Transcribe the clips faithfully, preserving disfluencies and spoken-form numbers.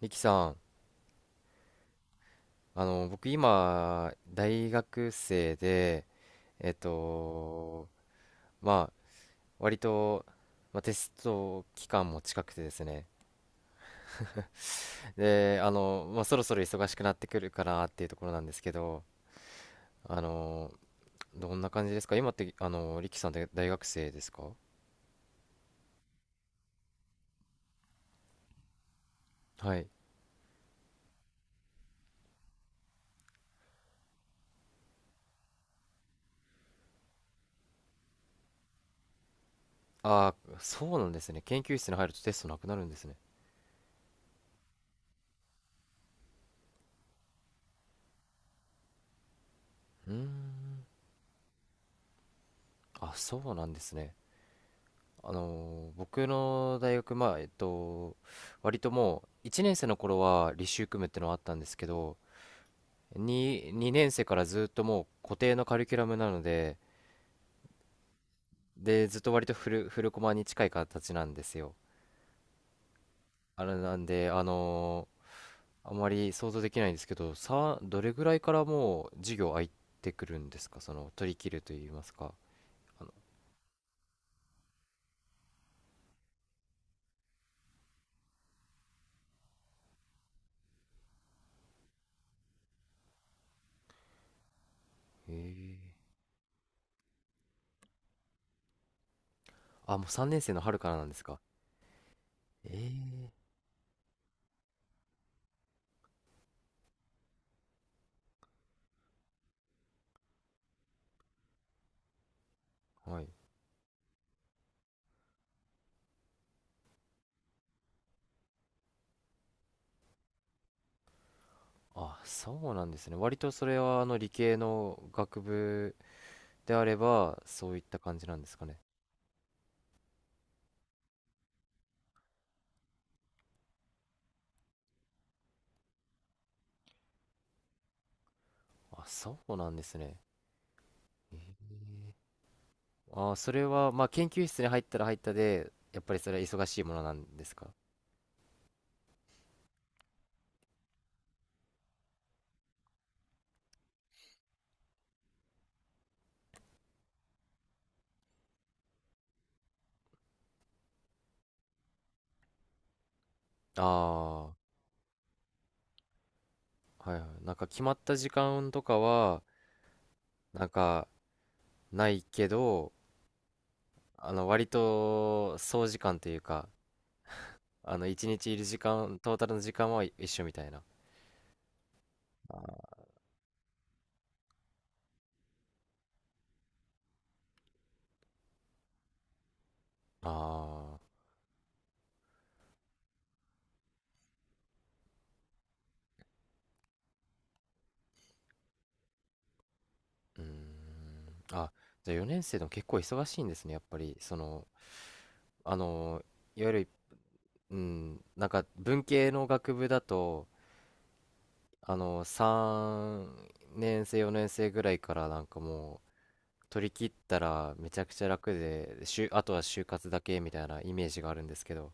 リキさん、あの、僕今、大学生で、えっと、まあ、割と、まあ、テスト期間も近くてですね。で、あの、まあ、そろそろ忙しくなってくるかなっていうところなんですけど、あの、どんな感じですか今って、あの、リキさんって大学生ですか？はい。ああ、そうなんですね。研究室に入るとテストなくなるんですね。うーん、あ、そうなんですね。あのー僕の大学、まあ、えっと、割ともういちねん生の頃は履修組むってのはあったんですけど、に、にねん生からずっともう固定のカリキュラムなので、で、ずっと割とフル、フルコマに近い形なんですよ。あれなんで、あのーあまり想像できないんですけど、さ、どれぐらいからもう授業空いてくるんですか、その、取り切ると言いますか？あの、へえ、あ、もうさんねん生の春からなんですか？ええ、はい。あ、そうなんですね。割とそれはあの理系の学部であれば、そういった感じなんですかね。あ、そうなんですね。ええ、あ、それは、まあ、研究室に入ったら入ったで、やっぱりそれは忙しいものなんですか？ああ、はいはい。なんか決まった時間とかは、なんかないけど、あの、割と総時間というか、あの、一日いる時間、トータルの時間は一緒みたいな。ああ、うーん。あ、じゃあよねん生でも結構忙しいんですね、やっぱり。その、あの、いわゆる、うん、なんか文系の学部だと、あの、さんねん生、よねん生ぐらいからなんかもう、取り切ったらめちゃくちゃ楽で、就あとは就活だけみたいなイメージがあるんですけど。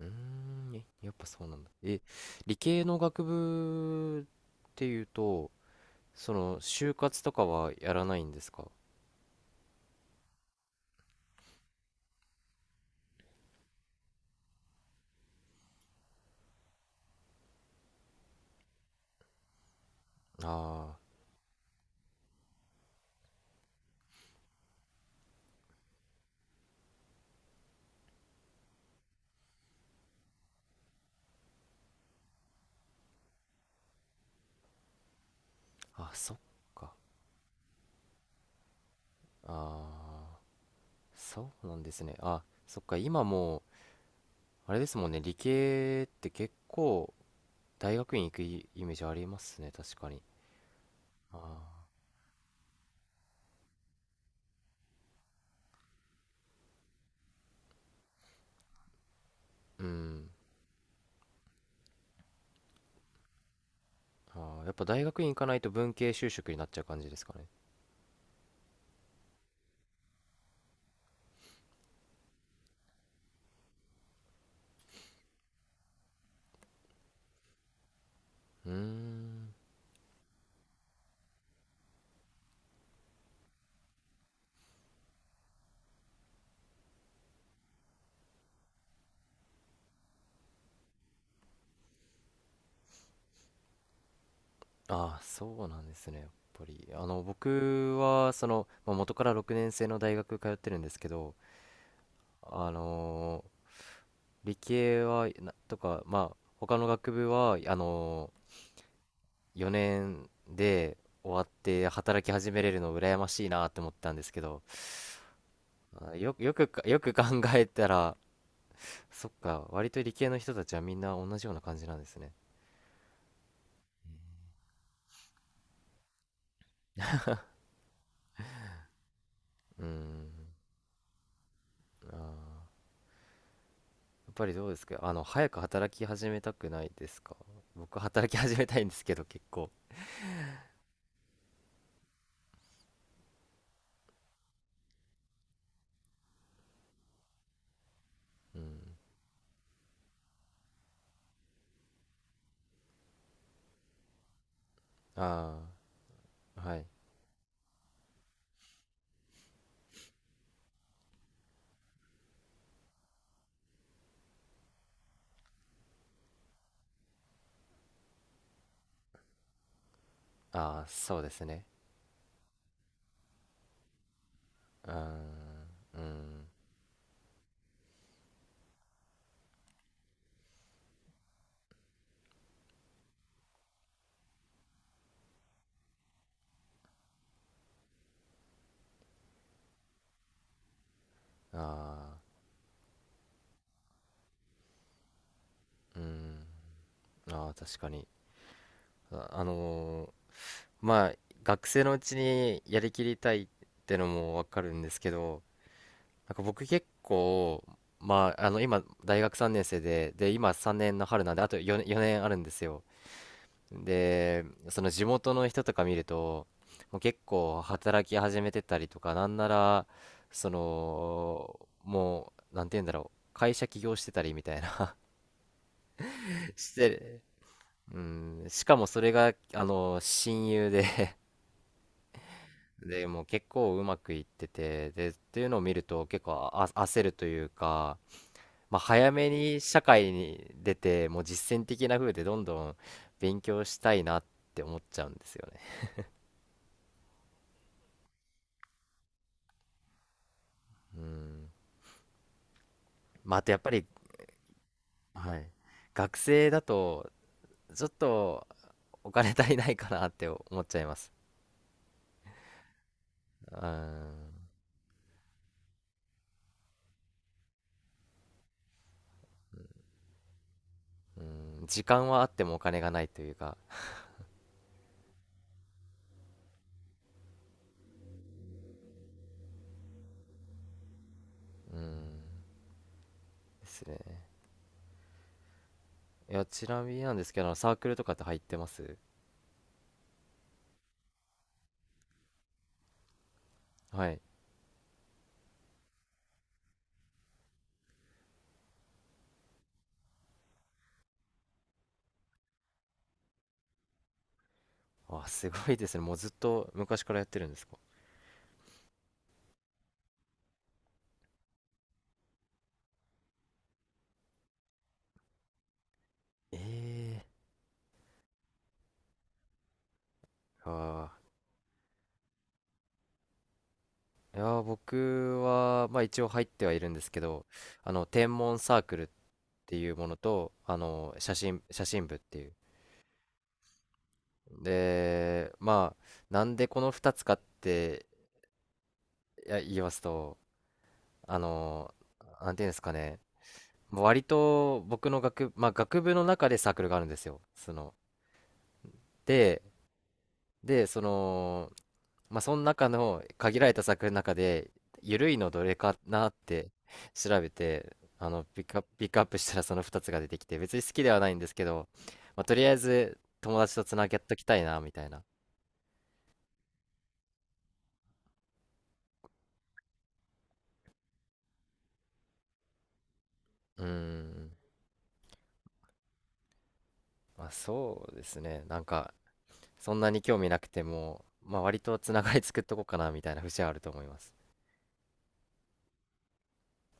うーん、えやっぱそうなんだ。え、理系の学部っていうと、その、就活とかはやらないんですか？ああー、あ、そっか。ああ、そうなんですね。あ、そっか、今もう、あれですもんね、理系って結構、大学院行くイメージありますね、確かに。ああ、うん。ああ、やっぱ大学院行かないと文系就職になっちゃう感じですかね。うーん。ああ、そうなんですね、やっぱり。あの、僕は、その、まあ、元からろくねん生の大学通ってるんですけど、あのー理系は、なとか、まあ、他の学部は、あのよねんで終わって働き始めれるの羨ましいなって思ったんですけど、あよ、よくか、よく考えたら、そっか、割と理系の人たちはみんな同じような感じなんですね。うーん、あー、やっぱりどうですか、あの、早く働き始めたくないですか？僕働き始めたいんですけど、結構。うん、ああ、はい。ああ、そうですね。うーん、うん、ああ、うん、ああ、確かに。あ、あのーまあ学生のうちにやりきりたいってのもわかるんですけど、なんか僕結構まああの今大学さんねん生で、で今さんねんの春なんで、あとよん、よねんあるんですよ。で、その地元の人とか見るともう結構働き始めてたりとか、なんならそのもうなんて言うんだろう、会社起業してたりみたいな して、うん、しかもそれがあの親友で、でもう結構うまくいっててでっていうのを見ると、結構あ焦るというか、まあ、早めに社会に出てもう実践的な風でどんどん勉強したいなって思っちゃうんですよね。うん。まあ、あとやっぱり、はい、学生だとちょっとお金足りないかなって思っちゃいます。うん、うん、時間はあってもお金がないというか、うん、ですね。いや、ちなみになんですけど、サークルとかって入ってます？はい。あ、すごいですね。もうずっと昔からやってるんですか。ええー、あー、いやー、僕は、まあ一応入ってはいるんですけど、あの、天文サークルっていうものと、あの、写真、写真部っていう。で、まあ、なんでこのふたつかっていや言いますと、あの、なんていうんですかね、割と僕の学、まあ学部の中でサークルがあるんですよ。その、で、で、その、まあ、その中の限られた作品の中で、緩いのどれかなって 調べて、あの、ピックアップ、ピックアップしたらそのふたつが出てきて、別に好きではないんですけど、まあ、とりあえず友達とつなげときたいな、みたいな。うーん。まあ、そうですね。なんか、そんなに興味なくても、まあ、割とつながり作っとこうかな、みたいな節はあると思います。